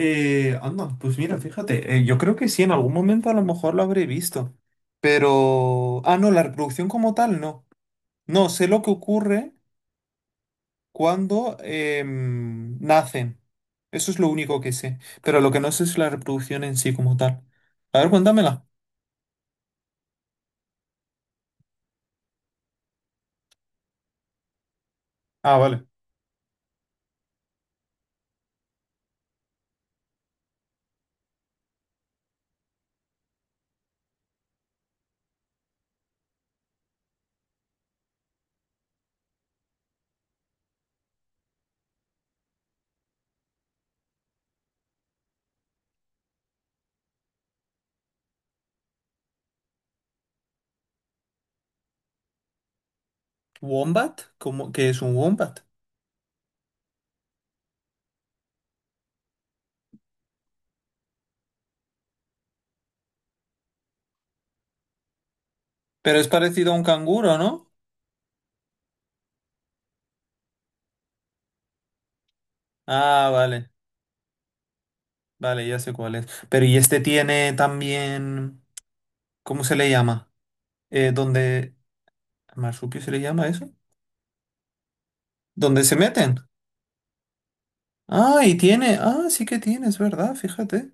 Anda, pues mira, fíjate, yo creo que sí, en algún momento a lo mejor lo habré visto, pero... Ah, no, la reproducción como tal, no. No, sé lo que ocurre cuando nacen. Eso es lo único que sé, pero lo que no sé es la reproducción en sí como tal. A ver, cuéntamela. Ah, vale. ¿Wombat? ¿Cómo, qué es un wombat? Pero es parecido a un canguro, ¿no? Ah, vale, vale, ya sé cuál es. Pero ¿y este tiene también... ¿Cómo se le llama? Donde... ¿Marsupio se le llama eso? ¿Dónde se meten? Ah, y tiene. Ah, sí que tiene, es verdad, fíjate.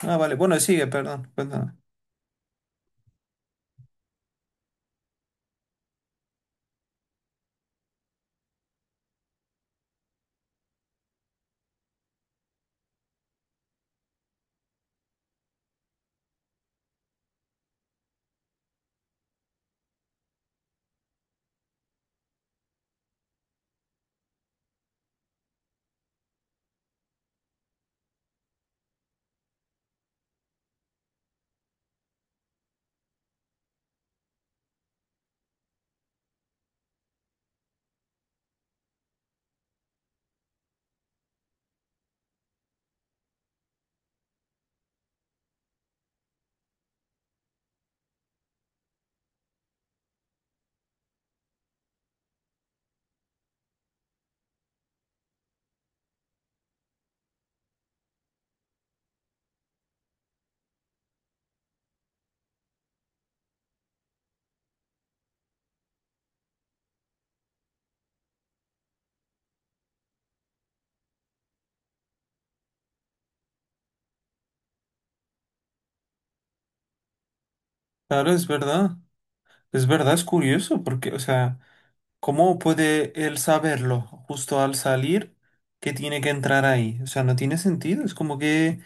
Ah, vale, bueno, sigue, perdón, cuéntame. Claro, es verdad. Es verdad, es curioso, porque, o sea, ¿cómo puede él saberlo justo al salir que tiene que entrar ahí? O sea, no tiene sentido. Es como que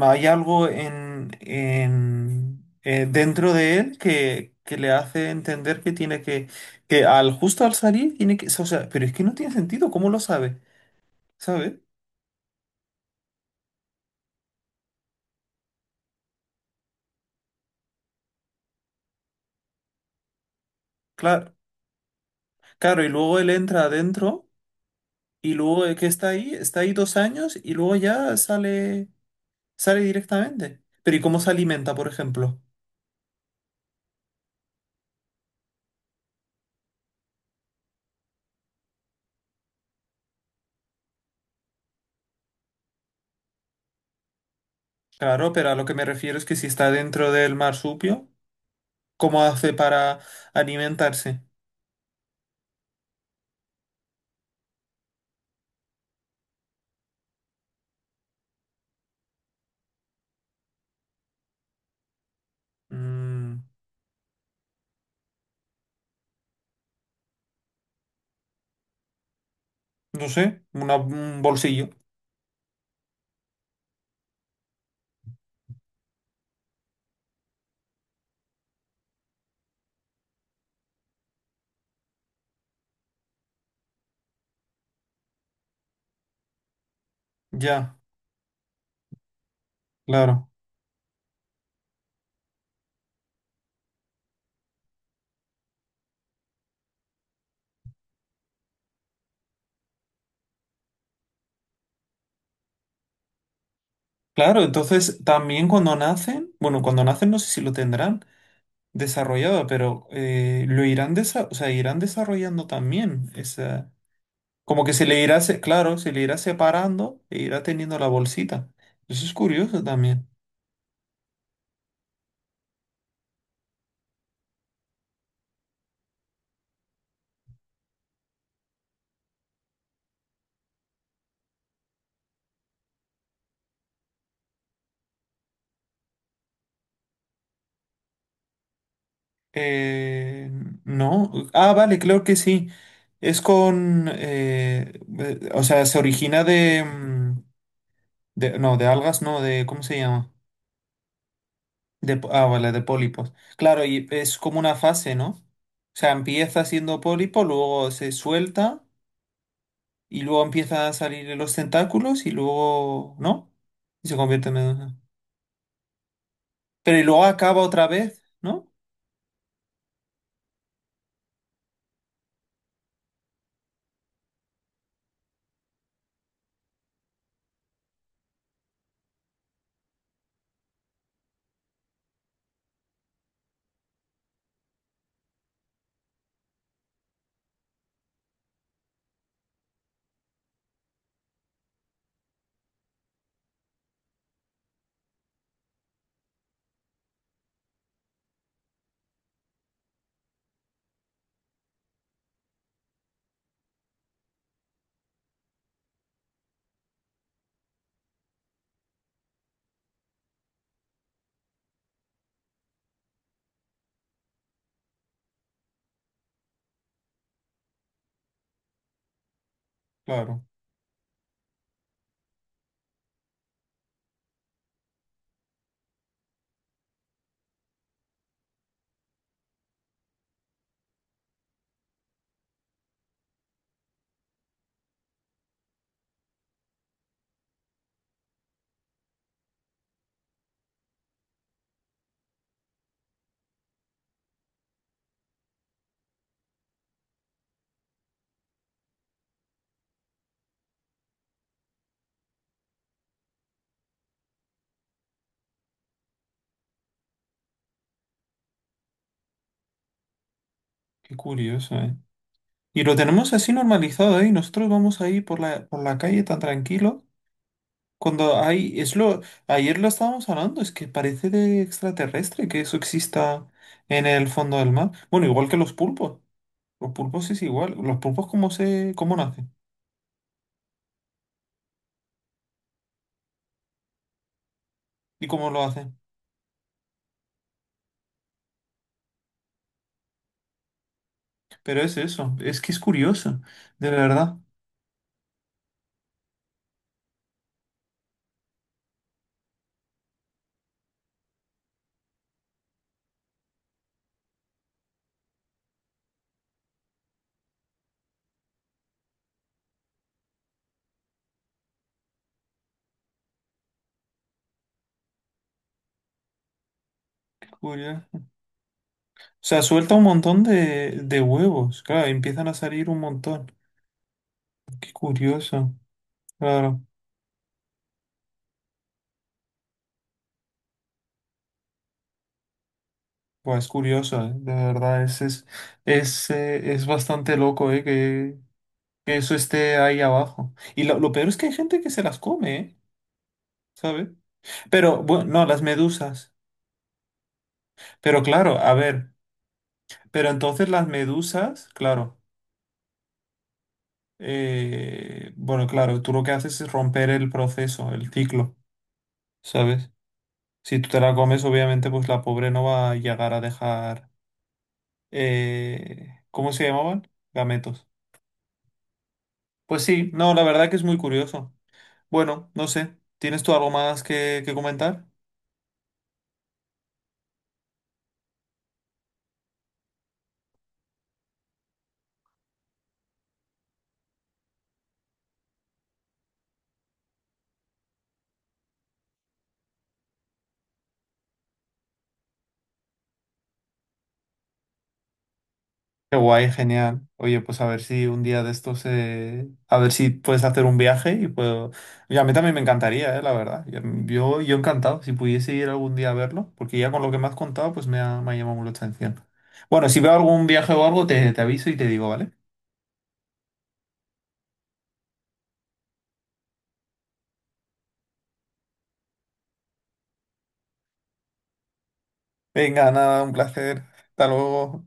hay algo en, en dentro de él que le hace entender que tiene que al justo al salir tiene que. O sea, pero es que no tiene sentido, ¿cómo lo sabe? ¿Sabe? Claro, claro, y luego él entra adentro y luego que está ahí 2 años y luego ya sale, sale directamente. Pero ¿y cómo se alimenta, por ejemplo? Claro, pero a lo que me refiero es que si está dentro del marsupio, ¿cómo hace para alimentarse? Mm, no sé, un bolsillo. Ya, claro. Claro, entonces también cuando nacen, bueno, cuando nacen no sé si lo tendrán desarrollado, pero lo irán, o sea, irán desarrollando también esa. Como que se le irá, se- claro, se le irá separando e irá teniendo la bolsita. Eso es curioso también. Eh, no. Ah, vale, creo que sí. Es con, o sea, se origina de, no, de algas, no, de, ¿cómo se llama? De, ah, vale, de pólipos. Claro, y es como una fase, ¿no? O sea, empieza siendo pólipo, luego se suelta y luego empiezan a salir los tentáculos y luego, ¿no? Y se convierte en medusa. Pero y luego acaba otra vez, ¿no? Claro, qué curioso, ¿eh? Y lo tenemos así normalizado, ¿eh? Y nosotros vamos ahí por la calle tan tranquilo. Cuando hay, es lo, ayer lo estábamos hablando, es que parece de extraterrestre que eso exista en el fondo del mar. Bueno, igual que los pulpos. Los pulpos es igual. Los pulpos cómo se, cómo nacen y cómo lo hacen. Pero es eso, es que es curioso, de verdad. Curioso. O sea, suelta un montón de huevos. Claro, empiezan a salir un montón. Qué curioso. Claro, pues curioso, ¿eh? De verdad, es, es bastante loco, ¿eh? Que eso esté ahí abajo. Y lo peor es que hay gente que se las come, ¿eh? ¿Sabes? Pero, bueno, no, las medusas. Pero claro, a ver, pero entonces las medusas, claro, bueno, claro, tú lo que haces es romper el proceso, el ciclo, ¿sabes? Si tú te la comes, obviamente, pues la pobre no va a llegar a dejar, ¿cómo se llamaban? Gametos. Pues sí, no, la verdad que es muy curioso. Bueno, no sé, ¿tienes tú algo más que comentar? Qué guay, genial. Oye, pues a ver si un día de estos, a ver si puedes hacer un viaje y puedo... Y a mí también me encantaría, la verdad. Yo, yo encantado, si pudiese ir algún día a verlo, porque ya con lo que me has contado, pues me ha llamado mucho la atención. Bueno, si veo algún viaje o algo, te aviso y te digo, ¿vale? Venga, nada, un placer. Hasta luego.